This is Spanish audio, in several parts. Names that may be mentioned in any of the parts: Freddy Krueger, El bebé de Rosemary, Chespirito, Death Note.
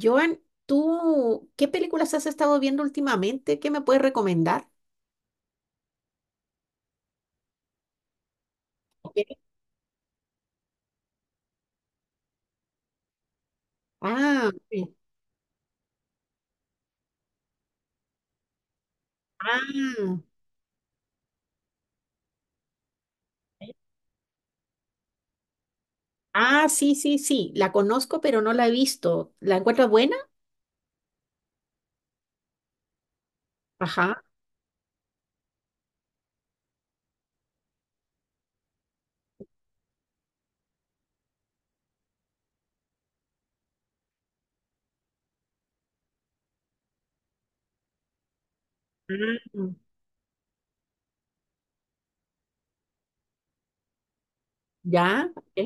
Joan, ¿tú qué películas has estado viendo últimamente? ¿Qué me puedes recomendar? Ok. Ah, sí. Ah, ah, sí, sí, sí, la conozco, pero no la he visto. ¿La encuentras buena? Ajá. Ah, ya, ok.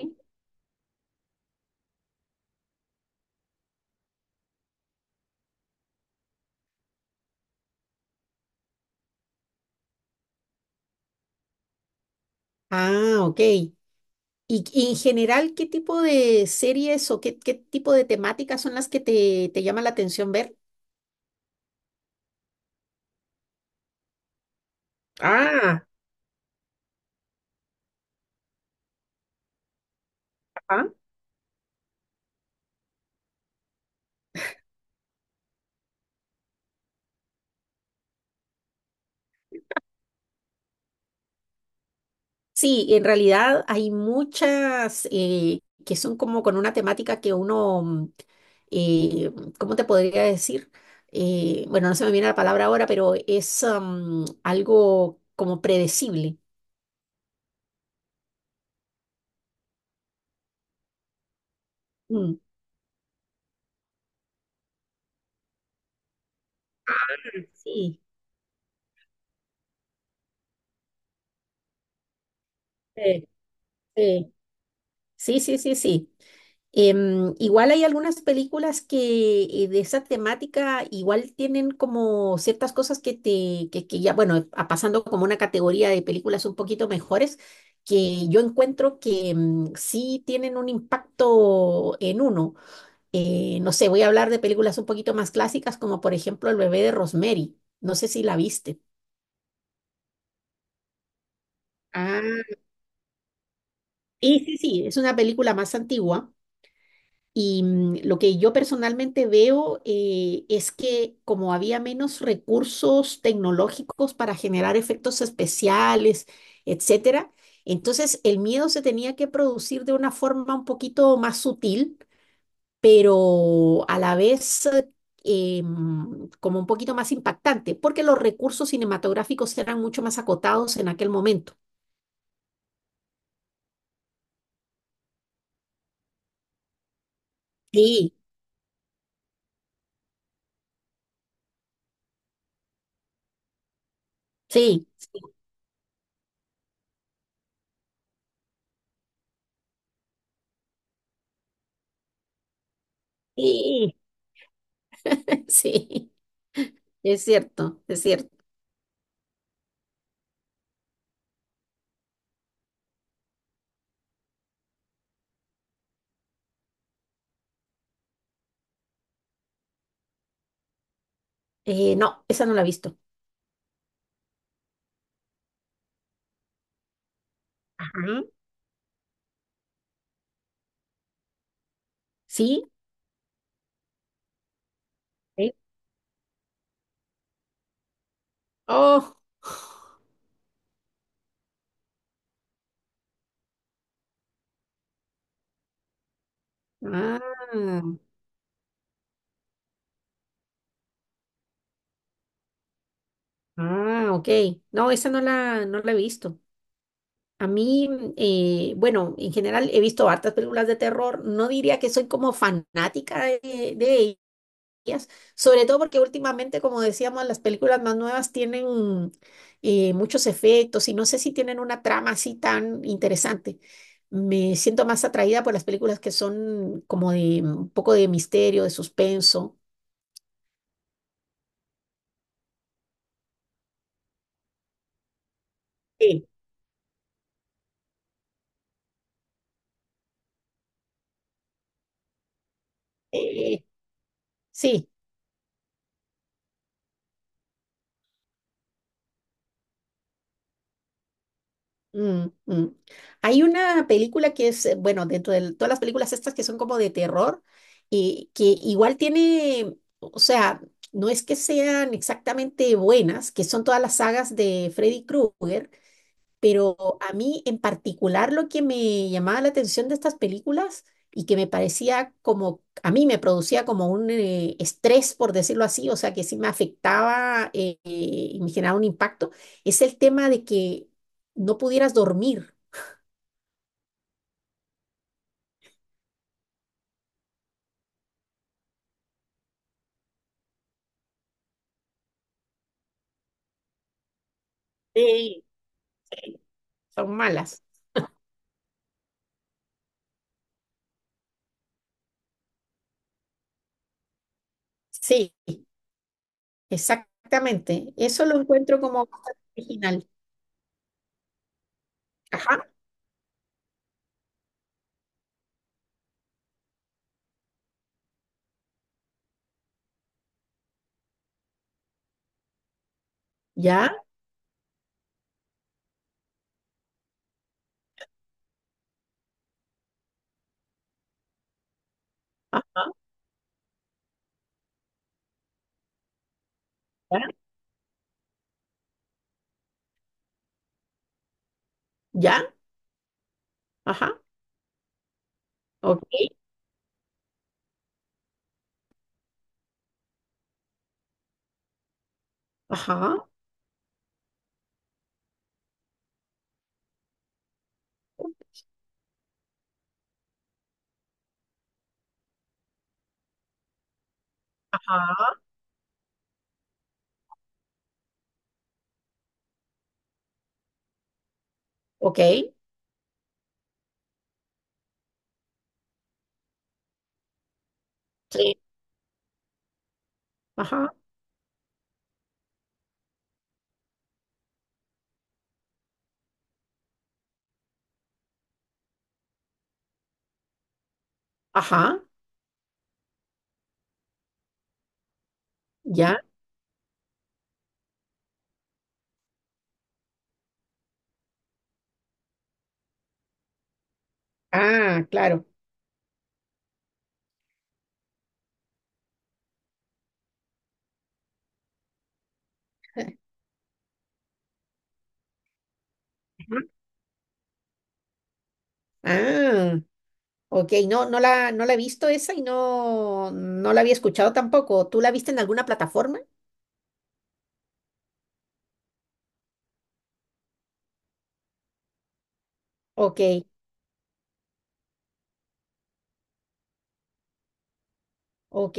Ah, ok. Y en general qué tipo de series o qué tipo de temáticas son las que te llama la atención ver? Ah, ajá. Sí, en realidad hay muchas que son como con una temática que uno, eh, ¿cómo te podría decir? Bueno, no se me viene la palabra ahora, pero es algo como predecible. Mm. Sí. eh, eh, Sí, sí, sí, sí. Igual hay algunas películas que de esa temática igual tienen como ciertas cosas que te, que ya, bueno, a- pasando como una categoría de películas un poquito mejores, que yo encuentro que mm, sí tienen un impacto en uno. No sé, voy a hablar de películas un poquito más clásicas, como por ejemplo El bebé de Rosemary. No sé si la viste. Ah, sí, sí, sí, es una película más antigua. Y mm, lo que yo personalmente veo es que como había menos recursos tecnológicos para generar efectos especiales, etcétera, entonces el miedo se tenía que producir de una forma un poquito más sutil, pero a la vez mm, como un poquito más impactante, porque los recursos cinematográficos eran mucho más acotados en aquel momento. Sí, sí, sí, sí, es cierto, es cierto. No, esa no la he visto. Ajá. ¿Sí? ¿Sí? Oh, ah, ah, ok. No, esa no la, no la he visto. A mí, bueno, en general he visto hartas películas de terror. No diría que soy como fanática de tecnologías, sobre todo porque últimamente, como decíamos, las películas más nuevas tienen muchos efectos y no sé si tienen una trama así tan interesante. Me siento más atraída por las películas que son como de mm, un poco de misterio, de suspenso. Sí. Eh, sí. Mm, mm. Hay una película que es, bueno, dentro de todas las películas estas que son como de terror, y que igual tiene, o sea, no es que sean exactamente buenas, que son todas las sagas de Freddy Krueger, pero a mí en particular lo que me llamaba la atención de estas películas y que me parecía como, a mí me producía como un estrés, por decirlo así, o sea, que sí me afectaba y me generaba un impacto, es el tema de que no pudieras dormir. Sí. Son malas. Sí, exactamente. Eso lo encuentro como bastante original. Ajá, ya, ajá, ya, ya, ajá, ok, ajá, ajá, ok, sí, ajá. Ajá, ya. Ah, claro. Ajá. Ah, ok, no, no la, no la he visto esa y no, no la había escuchado tampoco. ¿Tú la viste en alguna plataforma? Ok, ok,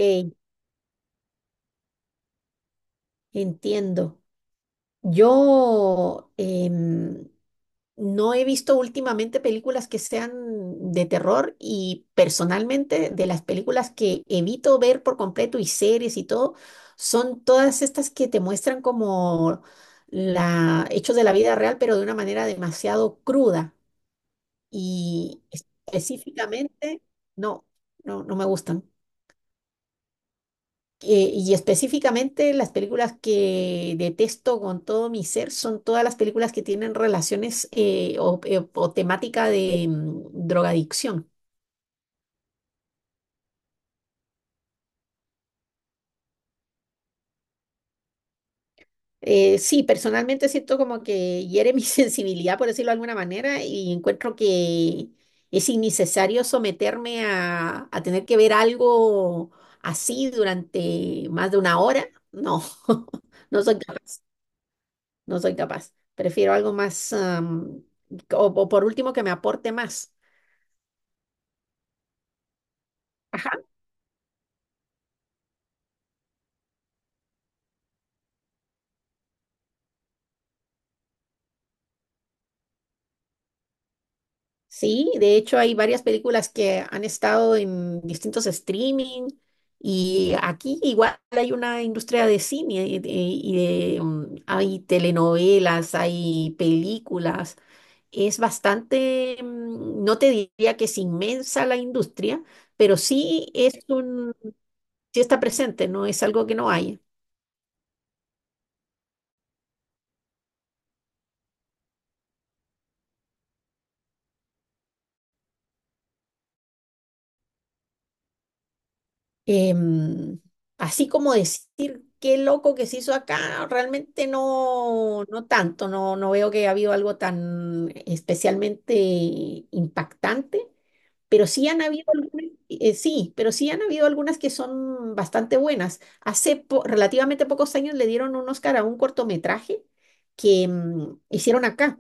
entiendo. Yo, no he visto últimamente películas que sean de terror y personalmente de las películas que evito ver por completo y series y todo, son todas estas que te muestran como la, hechos de la vida real, pero de una manera demasiado cruda y específicamente, no, no, no me gustan. Y específicamente las películas que detesto con todo mi ser son todas las películas que tienen relaciones o temática de mm, drogadicción. Sí, personalmente siento como que hiere mi sensibilidad, por decirlo de alguna manera, y encuentro que es innecesario someterme a tener que ver algo así durante más de una hora. No, no soy capaz. No soy capaz. Prefiero algo más, o por último, que me aporte más. Ajá. Sí, de hecho hay varias películas que han estado en distintos streaming y aquí igual hay una industria de cine y de, mm, hay telenovelas, hay películas. Es bastante, mm, no te diría que es inmensa la industria, pero sí es un, sí está presente, no es algo que no hay. Em, Así como decir qué loco que se hizo acá, realmente no, no tanto, no, no veo que ha habido algo tan especialmente impactante, pero sí han habido algunas, sí, pero sí han habido algunas que son bastante buenas. Hace po- relativamente pocos años le dieron un Oscar a un cortometraje que mm, hicieron acá.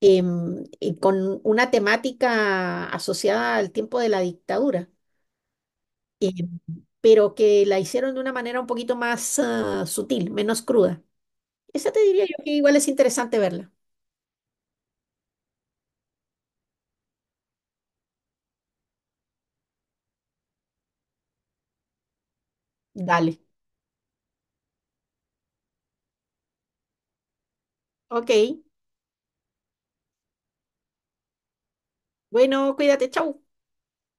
Y con una temática asociada al tiempo de la dictadura. em, pero que la hicieron de una manera un poquito más ah, sutil, menos cruda. Esa te diría yo que igual es interesante verla. Dale. Ok. Bueno, cuídate. Chau.